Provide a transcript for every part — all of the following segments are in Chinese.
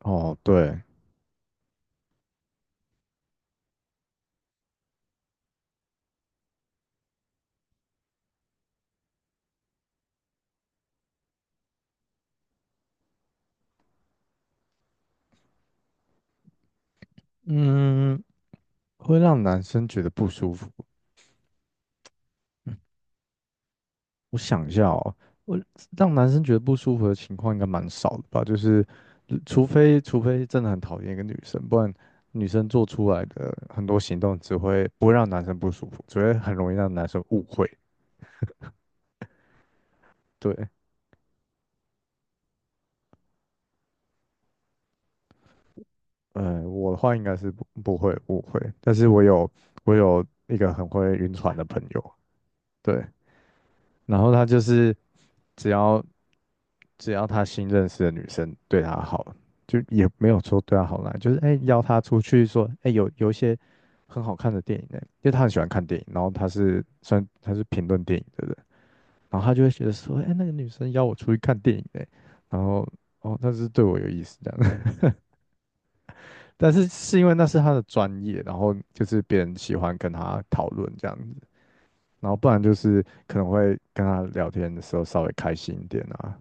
哦，对，嗯，会让男生觉得不舒服。我想一下哦，我让男生觉得不舒服的情况应该蛮少的吧？就是除非真的很讨厌一个女生，不然女生做出来的很多行动只会不会让男生不舒服，只会很容易让男生误会。对，我的话应该是不会误会，但是我有一个很会晕船的朋友。对，然后他就是只要只要他新认识的女生对他好，就也没有说对他好啦，就是哎、邀他出去说哎、有一些很好看的电影呢、因为他很喜欢看电影，然后他是算他是评论电影的人，然后他就会觉得说哎、那个女生邀我出去看电影呢、然后哦她是对我有意思这样。但是是因为那是他的专业，然后就是别人喜欢跟他讨论这样子。然后不然就是可能会跟他聊天的时候稍微开心一点啊，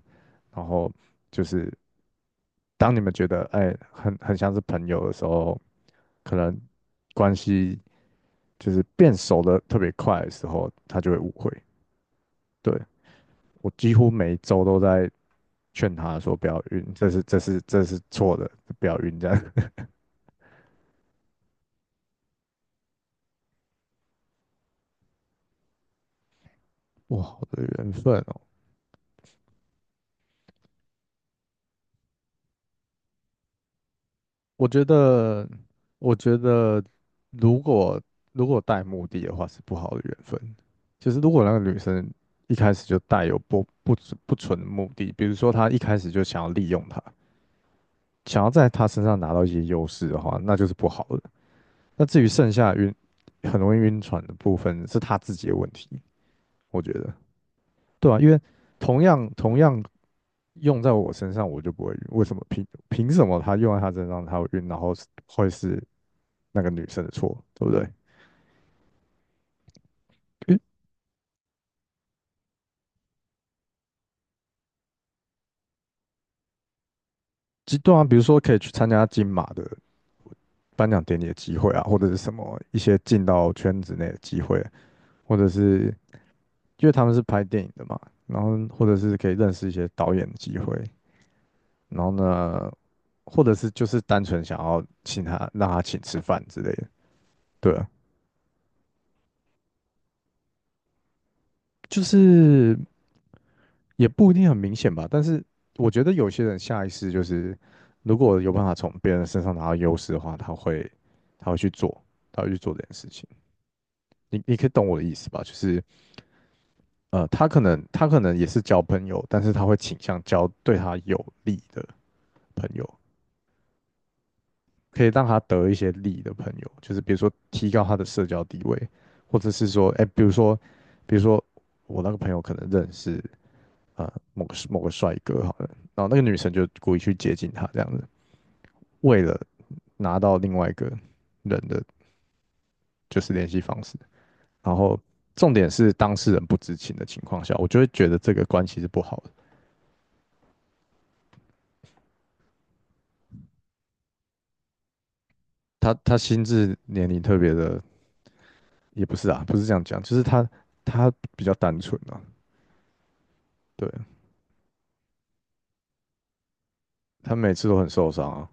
然后就是当你们觉得哎很像是朋友的时候，可能关系就是变熟的特别快的时候，他就会误会。对，我几乎每一周都在劝他说不要晕，这是错的，不要晕这样。哇，好的缘分哦。我觉得，我觉得如果如果带目的的话是不好的缘分。就是如果那个女生一开始就带有不纯的目的，比如说她一开始就想要利用他，想要在他身上拿到一些优势的话，那就是不好的。那至于剩下晕很容易晕船的部分，是她自己的问题，我觉得。对啊，因为同样用在我身上，我就不会晕。为什么凭什么他用在他身上他会晕，然后是会是那个女生的错，对不对？诶极端啊，比如说可以去参加金马的颁奖典礼的机会啊，或者是什么一些进到圈子内的机会，或者是因为他们是拍电影的嘛，然后或者是可以认识一些导演的机会，然后呢，或者是就是单纯想要请他让他请吃饭之类的，对啊。就是也不一定很明显吧，但是我觉得有些人下意识就是，如果有办法从别人身上拿到优势的话，他会去做，他会去做这件事情。你你可以懂我的意思吧？就是他可能也是交朋友，但是他会倾向交对他有利的朋友，可以让他得一些利的朋友，就是比如说提高他的社交地位，或者是说，哎，比如说我那个朋友可能认识啊。某个帅哥好了，然后那个女生就故意去接近他这样子，为了拿到另外一个人的就是联系方式，然后重点是当事人不知情的情况下，我就会觉得这个关系是不好的。他他心智年龄特别的也不是啊，不是这样讲，就是他他比较单纯啊。对，他每次都很受伤啊，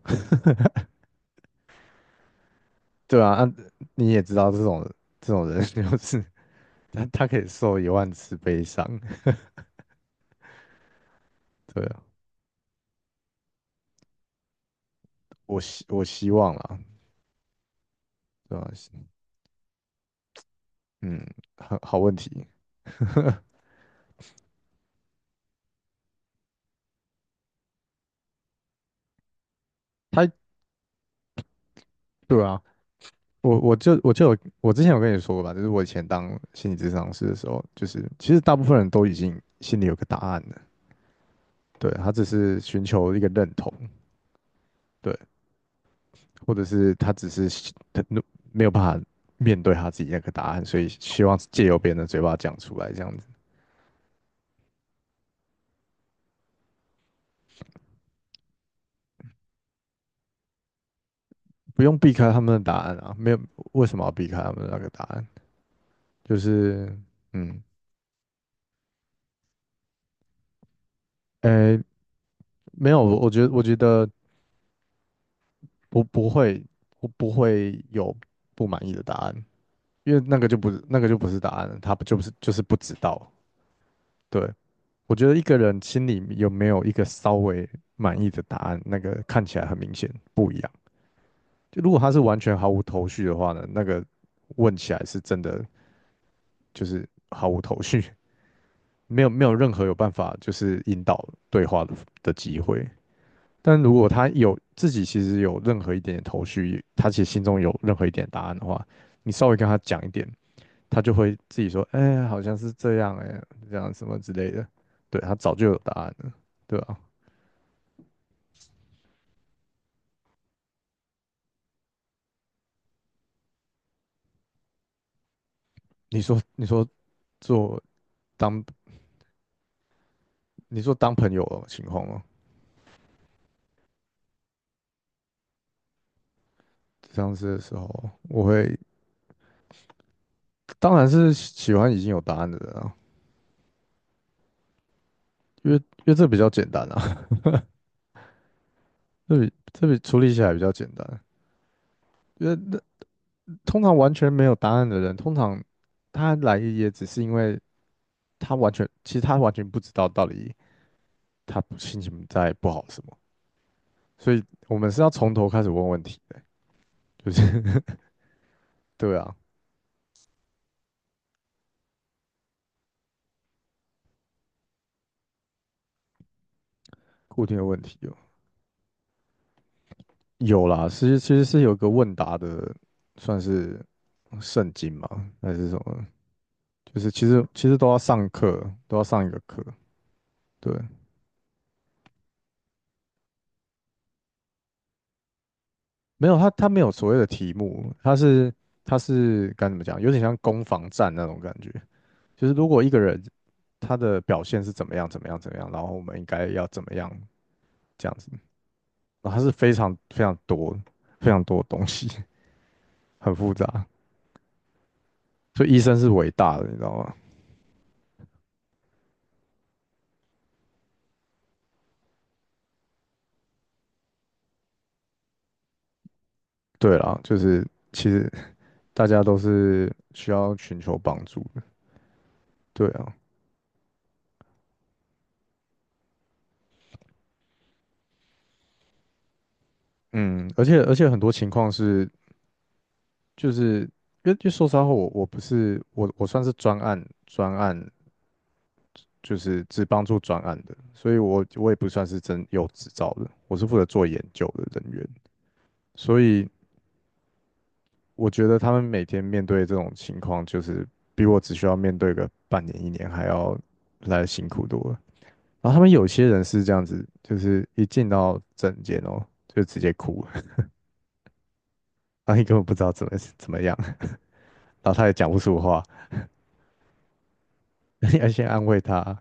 对啊。啊，你也知道这种这种人 就是他他可以受1万次悲伤。对啊，我希望啦，对啊，嗯，很好问题，他对啊，我就有我之前有跟你说过吧，就是我以前当心理咨商师的时候，就是其实大部分人都已经心里有个答案了。对，他只是寻求一个认同。对，或者是他只是没有办法面对他自己那个答案，所以希望借由别人的嘴巴讲出来，这样子不用避开他们的答案啊，没有为什么要避开他们的那个答案？就是嗯，诶，没有，我觉得我觉得不会，我不会有不满意的答案。因为那个就不是答案了，他不就不是就是不知道。对，我觉得一个人心里有没有一个稍微满意的答案，那个看起来很明显不一样。就如果他是完全毫无头绪的话呢，那个问起来是真的就是毫无头绪，没有任何有办法就是引导对话的机会。但如果他有自己其实有任何一点点头绪，他其实心中有任何一点答案的话，你稍微跟他讲一点，他就会自己说，哎、好像是这样、哎，这样什么之类的。对，他早就有答案了，对啊。你说做当，你说当朋友的情况吗？上次的时候，我会当然是喜欢已经有答案的人啊，因为这比较简单啊，这比处理起来比较简单。因为那通常完全没有答案的人，通常他来也只是因为他完全，其实他完全不知道到底他心情在不好什么。所以我们是要从头开始问问题的，就是 对啊。固定的问题有有啦，其实是有个问答的，算是圣经嘛，还是什么？就是其实都要上课，都要上一个课，对，没有他他没有所谓的题目，他是他是该怎么讲，有点像攻防战那种感觉，就是如果一个人他的表现是怎么样怎么样怎么样，然后我们应该要怎么样这样子，然后它是非常非常多的东西，很复杂。所以医生是伟大的，你知道吗？对啦，就是其实大家都是需要寻求帮助的，对啊。嗯，而且很多情况是，就是因为说实话，我我不是我我算是专案，就是只帮助专案的，所以我我也不算是真有执照的，我是负责做研究的人员，所以我觉得他们每天面对这种情况，就是比我只需要面对个半年1年还要来得辛苦多了。然后他们有些人是这样子，就是一进到诊间哦，就直接哭了，然后你根本不知道怎么怎么样，然后他也讲不出话。你要先安慰他，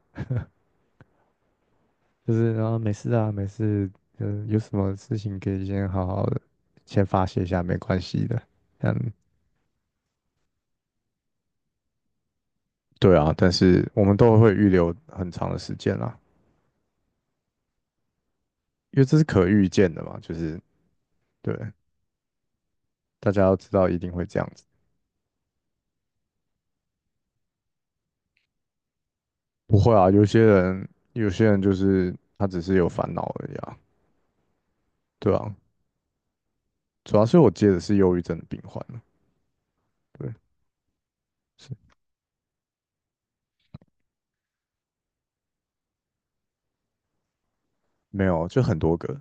就是然后没事啊，没事，嗯，有什么事情可以先好好的先发泄一下，没关系的。嗯，对啊，但是我们都会预留很长的时间啦，因为这是可预见的嘛，就是对，大家要知道一定会这样子。不会啊，有些人就是他只是有烦恼而已啊，对啊。主要是我接的是忧郁症的病患了，对，是没有，就很多个，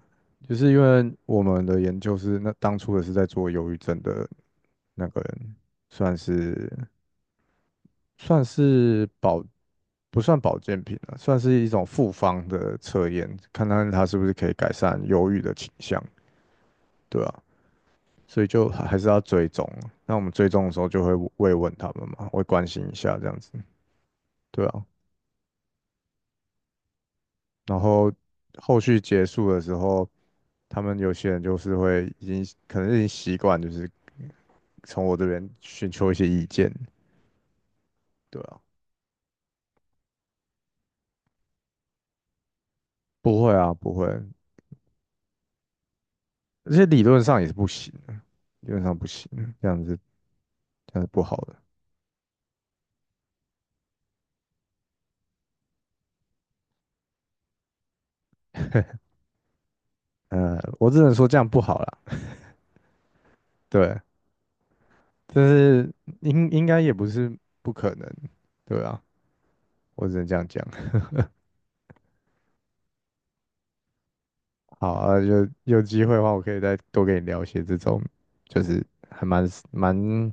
就是因为我们的研究是那当初也是在做忧郁症的那个人，算是算是保不算保健品了，算是一种复方的测验，看看它是不是可以改善忧郁的倾向，对啊。所以就还是要追踪，那我们追踪的时候就会慰问他们嘛，会关心一下这样子，对啊。然后后续结束的时候。他们有些人就是会已经可能已经习惯，就是从我这边寻求一些意见，对啊。不会啊，不会，而且理论上也是不行的，理论上不行，这样子这样子不好的。我只能说这样不好啦，对，但是应该也不是不可能，对啊，我只能这样讲。好啊，有机会的话，我可以再多跟你聊一些这种，就是还蛮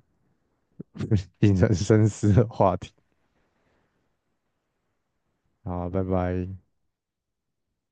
引人深思的话题。好啊，拜拜。